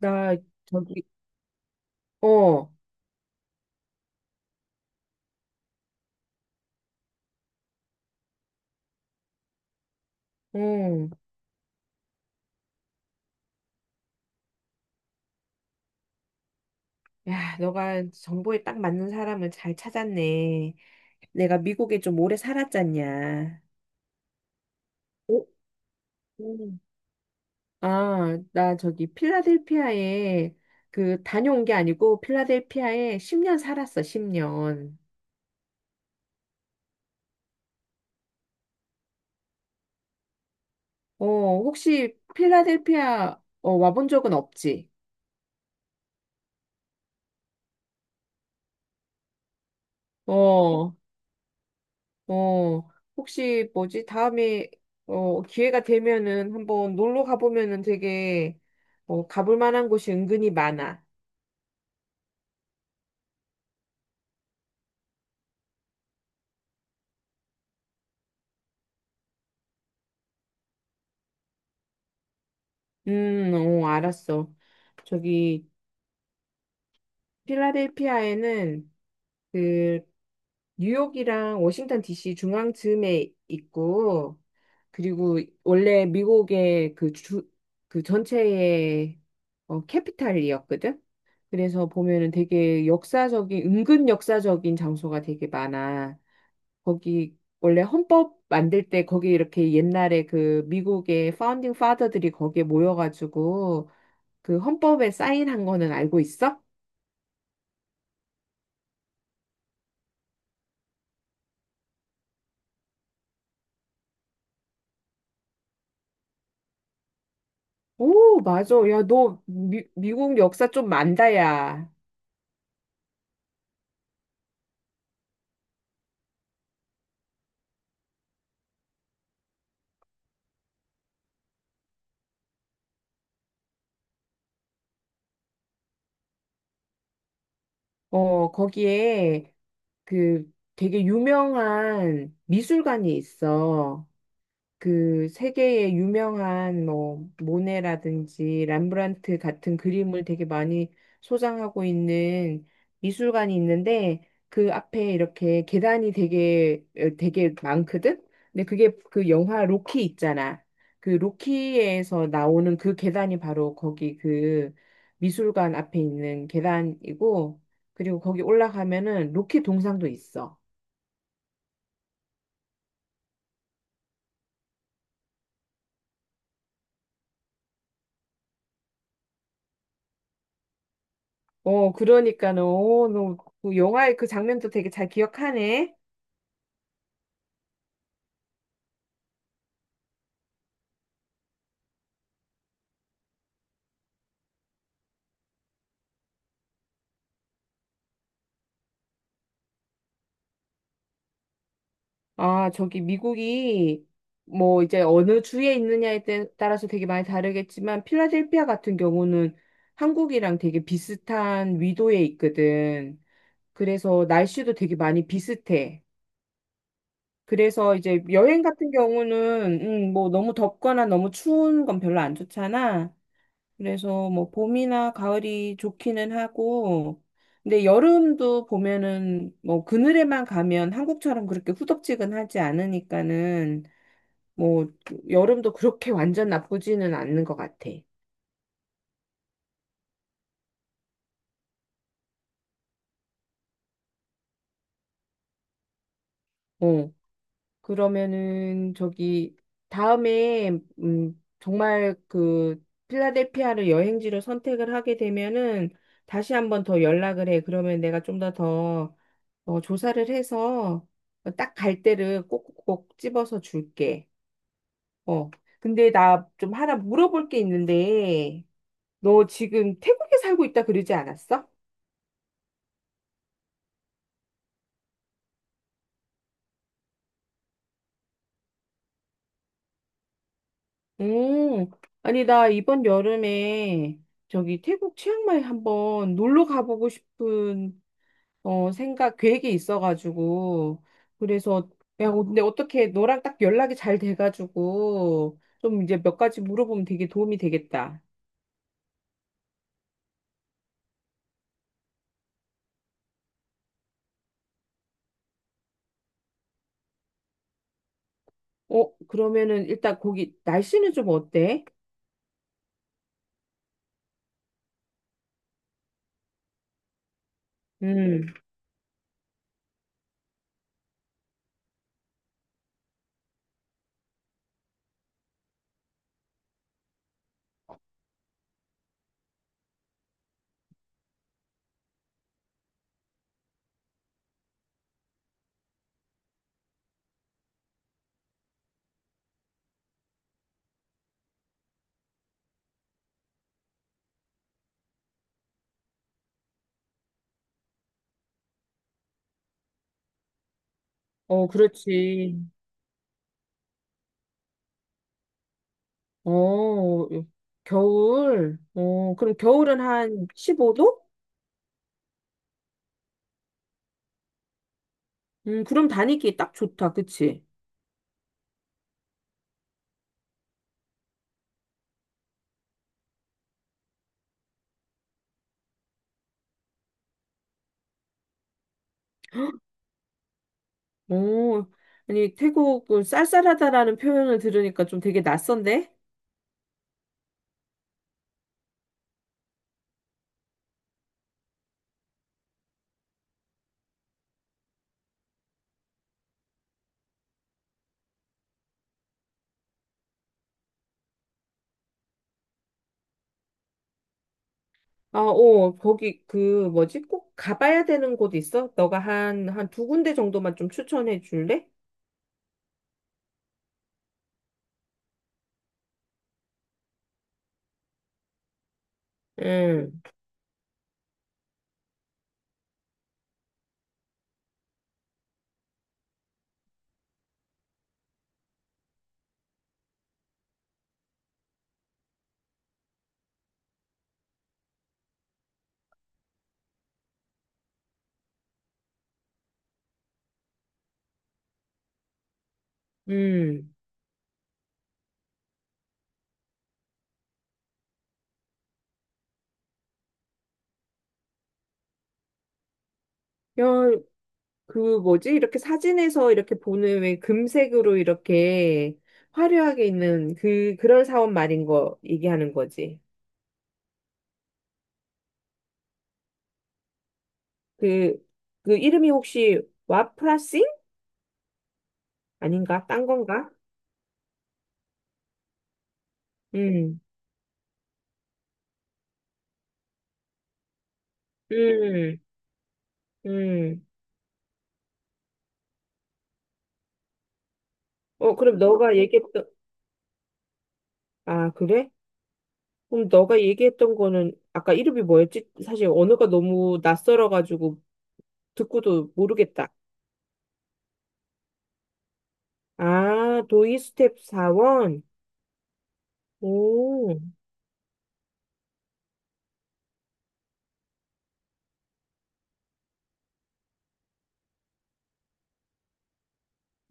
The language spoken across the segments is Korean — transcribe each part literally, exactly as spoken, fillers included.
나. 저기. 어, 응. 야, 너가 정보에 딱 맞는 사람을 잘 찾았네. 내가 미국에 좀 오래 살았잖냐. 어? 음. 아, 나 저기 필라델피아에 그 다녀온 게 아니고 필라델피아에 십 년 살았어, 십 년. 어, 혹시 필라델피아 어, 와본 적은 없지? 어. 어, 혹시 뭐지? 다음에 어, 기회가 되면은 한번 놀러 가보면은 되게 어, 가볼 만한 곳이 은근히 많아. 음, 어, 알았어. 저기 필라델피아에는 그 뉴욕이랑 워싱턴 디씨 중앙쯤에 있고, 그리고 원래 미국의 그 주, 그 전체의 어, 캐피탈이었거든. 그래서 보면은 되게 역사적인, 은근 역사적인 장소가 되게 많아. 거기 원래 헌법 만들 때 거기 이렇게 옛날에 그 미국의 파운딩 파더들이 거기에 모여가지고 그 헌법에 사인한 거는 알고 있어? 오, 맞아. 야, 너 미, 미국 역사 좀 만다, 야. 어, 거기에 그 되게 유명한 미술관이 있어. 그 세계의 유명한 뭐 모네라든지 람브란트 같은 그림을 되게 많이 소장하고 있는 미술관이 있는데 그 앞에 이렇게 계단이 되게 어, 되게 많거든. 근데 그게 그 영화 로키 있잖아. 그 로키에서 나오는 그 계단이 바로 거기 그 미술관 앞에 있는 계단이고, 그리고 거기 올라가면은 로키 동상도 있어. 어, 그러니까는, 어, 너, 그 영화의 그 장면도 되게 잘 기억하네. 아, 저기 미국이 뭐 이제 어느 주에 있느냐에 따- 따라서 되게 많이 다르겠지만, 필라델피아 같은 경우는 한국이랑 되게 비슷한 위도에 있거든. 그래서 날씨도 되게 많이 비슷해. 그래서 이제 여행 같은 경우는, 음, 뭐 너무 덥거나 너무 추운 건 별로 안 좋잖아. 그래서 뭐 봄이나 가을이 좋기는 하고, 근데 여름도 보면은 뭐 그늘에만 가면 한국처럼 그렇게 후덥지근하지 않으니까는 뭐 여름도 그렇게 완전 나쁘지는 않는 것 같아. 어, 그러면은 저기 다음에 음 정말 그 필라델피아를 여행지로 선택을 하게 되면은 다시 한번 더 연락을 해. 그러면 내가 좀 더더 어, 조사를 해서 딱 갈 때를 꼭꼭 집어서 줄게. 어. 근데 나 좀 하나 물어볼 게 있는데, 너 지금 태국에 살고 있다 그러지 않았어? 음. 아니, 나 이번 여름에 저기 태국 치앙마이 한번 놀러 가보고 싶은 어, 생각, 계획이 있어가지고. 그래서, 야, 근데 어떻게 너랑 딱 연락이 잘 돼가지고 좀 이제 몇 가지 물어보면 되게 도움이 되겠다. 어, 그러면은 일단 거기 날씨는 좀 어때? 음, 어, 그렇지. 어, 겨울. 어, 그럼 겨울은 한 십오 도? 음, 그럼 다니기 딱 좋다. 그치? 어, 아니, 태국 그 쌀쌀하다라는 표현을 들으니까 좀 되게 낯선데? 아, 어, 거기 그 뭐지? 꼭 가봐야 되는 곳 있어? 너가 한, 한 두 군데 정도만 좀 추천해 줄래? 응. 음. 음. 야, 그 뭐지? 이렇게 사진에서 이렇게 보는 왜 금색으로 이렇게 화려하게 있는 그 그런 사원 말인 거 얘기하는 거지. 그 그 이름이 혹시 와프라싱 아닌가? 딴 건가? 음. 음. 음. 어, 그럼 너가 얘기했던. 아, 그래? 그럼 너가 얘기했던 거는 아까 이름이 뭐였지? 사실 언어가 너무 낯설어 가지고 듣고도 모르겠다. 아, 도이 스텝 사원. 오.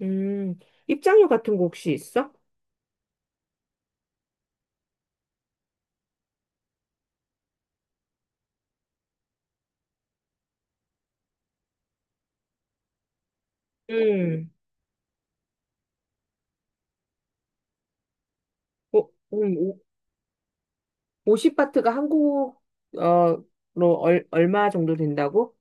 음, 입장료 같은 거 혹시 있어? 음. 오. 음. 오-. 오십 바트가 한국, 어, 로 얼, 얼마 정도 된다고?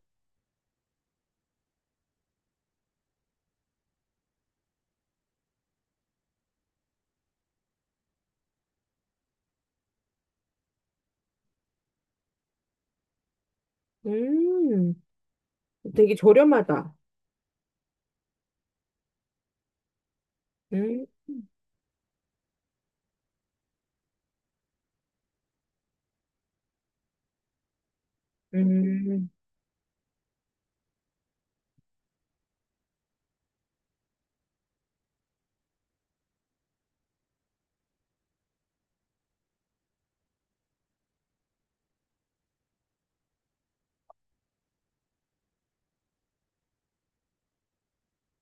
음, 되게 저렴하다. 음, 음,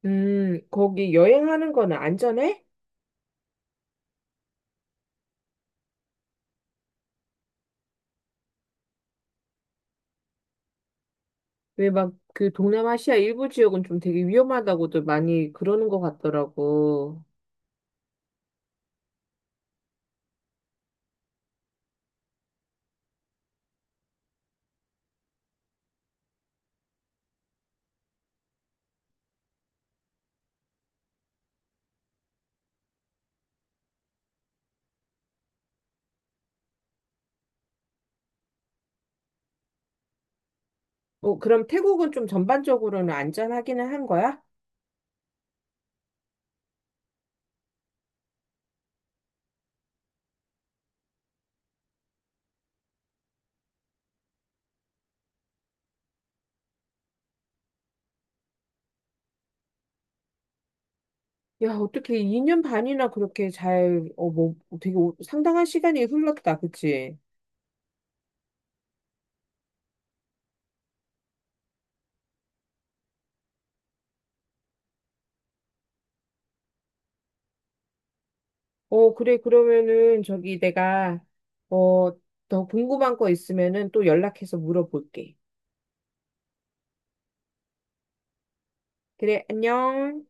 음, 거기 여행하는 거는 안전해? 왜 막 그 동남아시아 일부 지역은 좀 되게 위험하다고도 많이 그러는 것 같더라고. 어, 그럼 태국은 좀 전반적으로는 안전하기는 한 거야? 야, 어떻게 이 년 반이나 그렇게 잘, 어, 뭐, 되게 오- 상당한 시간이 흘렀다, 그치? 어, 그래, 그러면은 저기 내가, 어, 더 궁금한 거 있으면은 또 연락해서 물어볼게. 그래, 안녕.